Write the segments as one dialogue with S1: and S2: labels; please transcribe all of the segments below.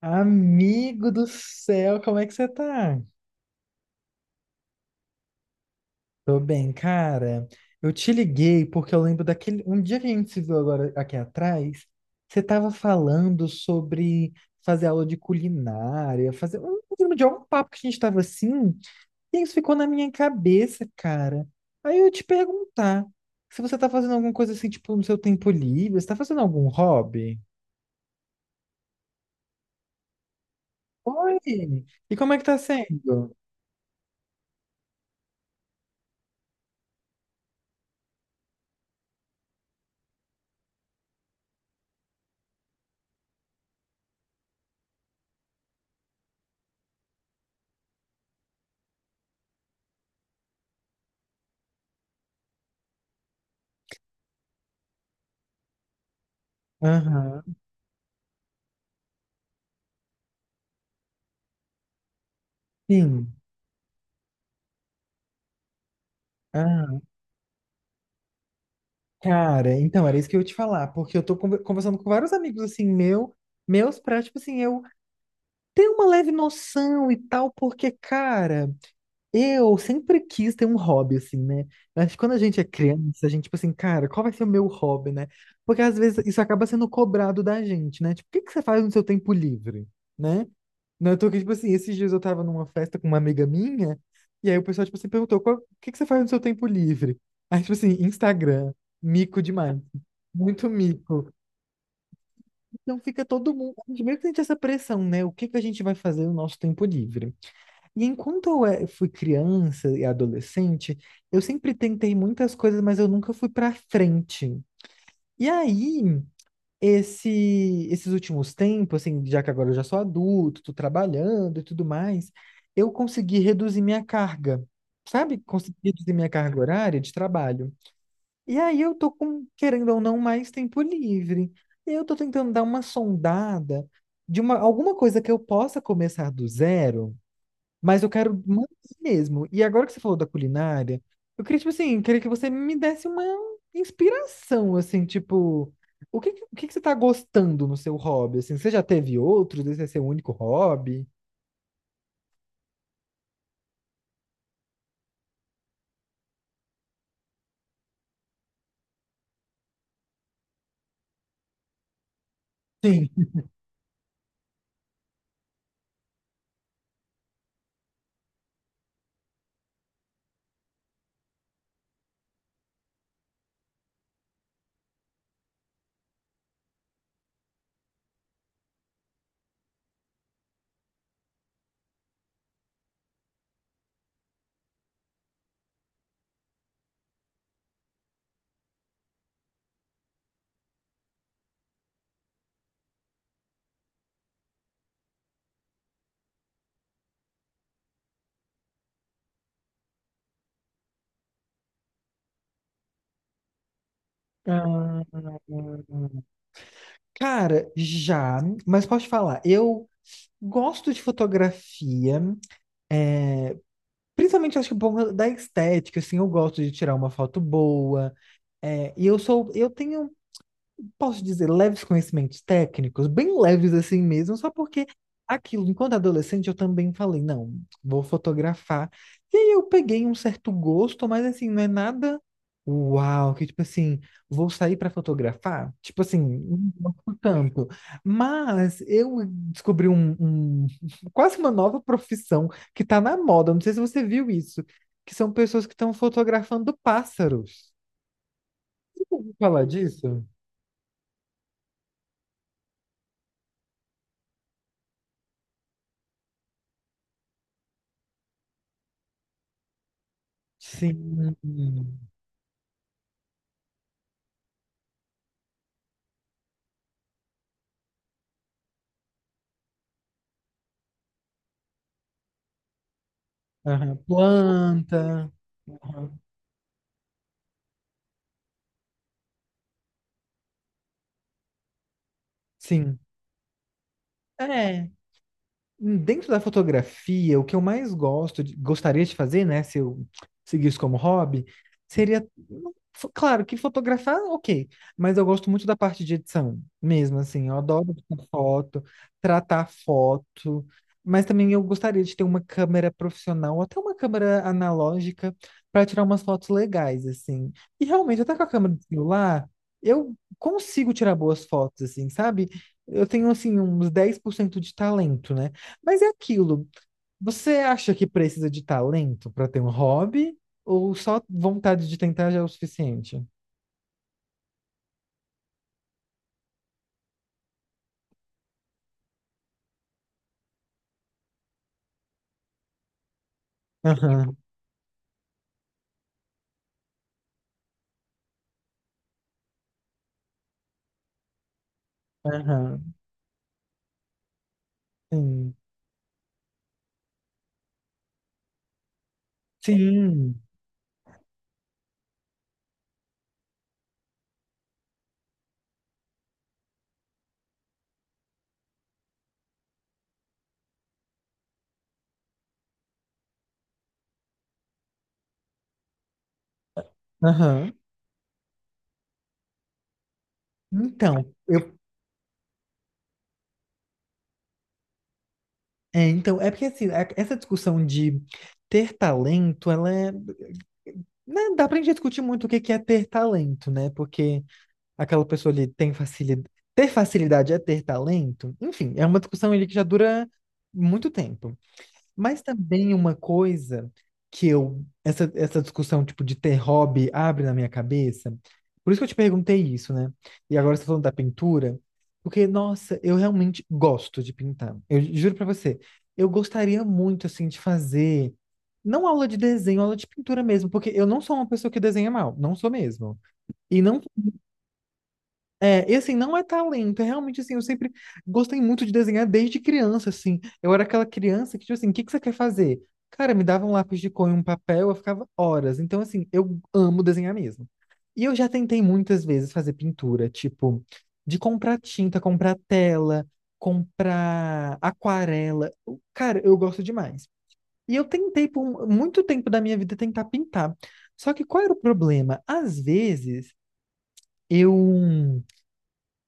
S1: Amigo do céu, como é que você tá? Tô bem, cara. Eu te liguei porque eu lembro daquele. Um dia que a gente se viu agora aqui atrás, você tava falando sobre fazer aula de culinária, fazer. Eu lembro de algum papo que a gente tava assim, e isso ficou na minha cabeça, cara. Aí eu ia te perguntar se você tá fazendo alguma coisa assim, tipo, no seu tempo livre, você tá fazendo algum hobby? Oi! E como é que tá sendo? Aham, sim. Ah. Cara, então era isso que eu ia te falar, porque eu tô conversando com vários amigos assim, meu, meus pra, tipo assim, eu tenho uma leve noção e tal, porque, cara, eu sempre quis ter um hobby, assim, né? Acho que quando a gente é criança, a gente, tipo assim, cara, qual vai ser o meu hobby, né? Porque às vezes isso acaba sendo cobrado da gente, né? Tipo, o que que você faz no seu tempo livre, né? Não, eu tô aqui, tipo assim, esses dias eu tava numa festa com uma amiga minha, e aí o pessoal, tipo assim, perguntou, "Qual- o que que você faz no seu tempo livre? Aí, tipo assim, Instagram, mico demais, muito mico." Então fica todo mundo, a gente meio que sente essa pressão, né? O que que a gente vai fazer no nosso tempo livre? E enquanto eu fui criança e adolescente, eu sempre tentei muitas coisas, mas eu nunca fui pra frente. E aí, esse, esses últimos tempos, assim, já que agora eu já sou adulto, tô trabalhando e tudo mais, eu consegui reduzir minha carga, sabe? Consegui reduzir minha carga horária de trabalho. E aí eu tô com, querendo ou não, mais tempo livre. E eu tô tentando dar uma sondada de uma, alguma coisa que eu possa começar do zero, mas eu quero manter mesmo. E agora que você falou da culinária, eu queria, tipo assim, queria que você me desse uma inspiração, assim, tipo, o que que você tá gostando no seu hobby? Assim, você já teve outros? Esse é seu único hobby? Sim. Ah, cara, já, mas posso te falar, eu gosto de fotografia, principalmente acho que por conta da estética, assim, eu gosto de tirar uma foto boa. É, e eu tenho, posso dizer, leves conhecimentos técnicos, bem leves assim mesmo, só porque aquilo, enquanto adolescente, eu também falei, não, vou fotografar. E aí eu peguei um certo gosto, mas assim, não é nada uau, que tipo assim, vou sair para fotografar? Tipo assim, não gosto tanto. Mas eu descobri quase uma nova profissão que tá na moda, não sei se você viu isso, que são pessoas que estão fotografando pássaros. Você ouviu falar disso? Sim. Aham. Planta. Aham. Sim. É, dentro da fotografia, o que eu mais gosto, gostaria de fazer, né, se eu seguisse como hobby, seria, claro, que fotografar, ok, mas eu gosto muito da parte de edição, mesmo assim, eu adoro editar foto, tratar foto, mas também eu gostaria de ter uma câmera profissional, ou até uma câmera analógica, para tirar umas fotos legais, assim. E realmente, até com a câmera do celular, eu consigo tirar boas fotos, assim, sabe? Eu tenho, assim, uns 10% de talento, né? Mas é aquilo. Você acha que precisa de talento para ter um hobby? Ou só vontade de tentar já é o suficiente? Aham, aham, sim. Sim, aham. Então, eu, então, é porque assim, essa discussão de ter talento, ela é. Né, dá pra gente discutir muito o que que é ter talento, né? Porque aquela pessoa ali tem facilidade. Ter facilidade é ter talento? Enfim, é uma discussão ali que já dura muito tempo. Mas também uma coisa que eu, essa discussão tipo de ter hobby abre na minha cabeça, por isso que eu te perguntei isso, né? E agora você tá falando da pintura, porque, nossa, eu realmente gosto de pintar. Eu juro pra você, eu gostaria muito, assim, de fazer, não aula de desenho, aula de pintura mesmo, porque eu não sou uma pessoa que desenha mal, não sou mesmo. E não é, e assim, não é talento, é realmente assim, eu sempre gostei muito de desenhar desde criança, assim. Eu era aquela criança que, tipo assim, o que que você quer fazer? Cara, me dava um lápis de cor e um papel, eu ficava horas. Então, assim, eu amo desenhar mesmo. E eu já tentei muitas vezes fazer pintura, tipo, de comprar tinta, comprar tela, comprar aquarela. Cara, eu gosto demais. E eu tentei por um, muito tempo da minha vida tentar pintar. Só que qual era o problema? Às vezes, eu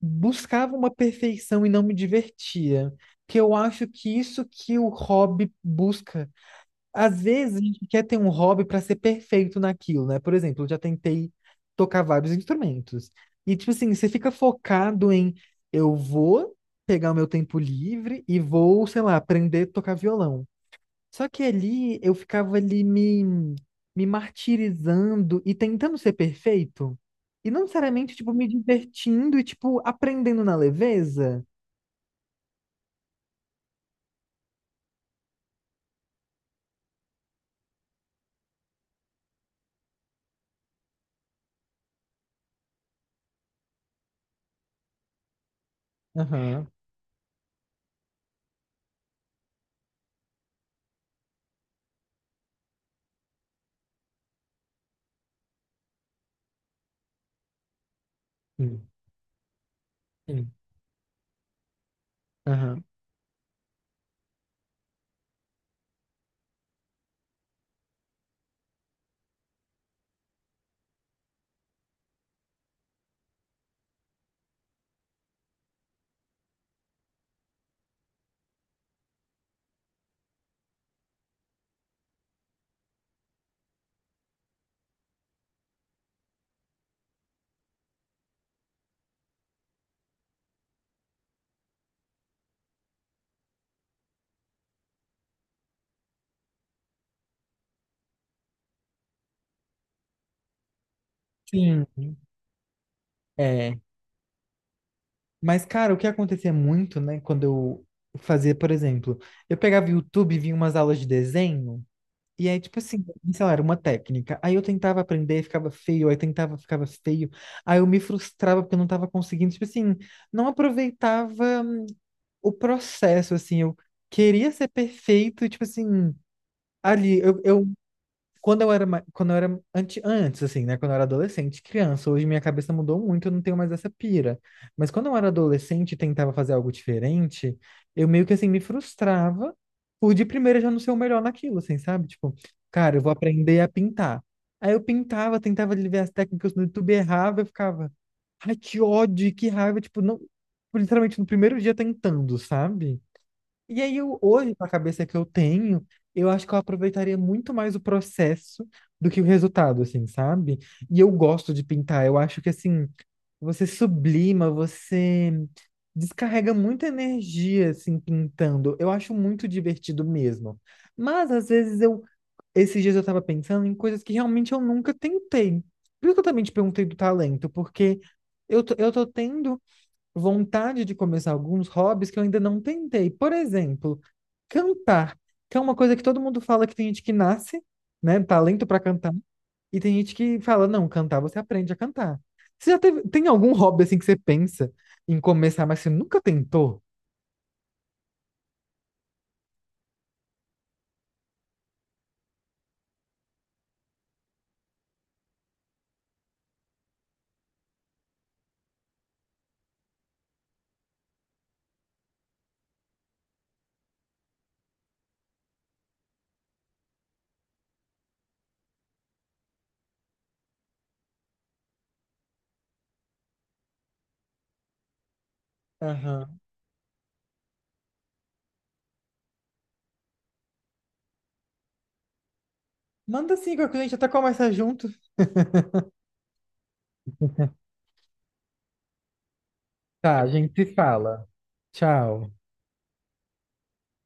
S1: buscava uma perfeição e não me divertia. Que eu acho que isso que o hobby busca. Às vezes a gente quer ter um hobby para ser perfeito naquilo, né? Por exemplo, eu já tentei tocar vários instrumentos. E tipo assim, você fica focado em eu vou pegar o meu tempo livre e vou, sei lá, aprender a tocar violão. Só que ali eu ficava ali me martirizando e tentando ser perfeito. E não necessariamente, tipo, me divertindo e, tipo, aprendendo na leveza. Aham. Sim. Sim. Aham. Sim. É. Mas, cara, o que acontecia muito, né, quando eu fazia, por exemplo, eu pegava o YouTube e via umas aulas de desenho. E aí, tipo assim, sei lá, era uma técnica. Aí eu tentava aprender, ficava feio, aí tentava, ficava feio. Aí eu me frustrava porque eu não tava conseguindo, tipo assim, não aproveitava o processo, assim, eu queria ser perfeito, e, tipo assim, ali, eu quando eu era, quando eu era antes, assim, né? Quando eu era adolescente, criança, hoje minha cabeça mudou muito, eu não tenho mais essa pira. Mas quando eu era adolescente e tentava fazer algo diferente, eu meio que assim me frustrava por de primeira já não ser o melhor naquilo, assim, sabe? Tipo, cara, eu vou aprender a pintar. Aí eu pintava, tentava ver as técnicas no YouTube, errava, eu ficava, ai, que ódio, que raiva, tipo, não, literalmente no primeiro dia tentando, sabe? E aí, eu, hoje, com a cabeça que eu tenho, eu acho que eu aproveitaria muito mais o processo do que o resultado, assim, sabe? E eu gosto de pintar. Eu acho que, assim, você sublima, você descarrega muita energia, assim, pintando. Eu acho muito divertido mesmo. Mas, às vezes, eu... Esses dias eu tava pensando em coisas que realmente eu nunca tentei. Por isso que eu também te perguntei do talento, porque eu tô tendo vontade de começar alguns hobbies que eu ainda não tentei. Por exemplo, cantar, que é uma coisa que todo mundo fala que tem gente que nasce, né, talento para cantar, e tem gente que fala, não, cantar você aprende a cantar. Você já teve, tem algum hobby assim que você pensa em começar, mas você nunca tentou? Aham. Manda sim, que a gente até começa junto. Tá, a gente se fala. Tchau.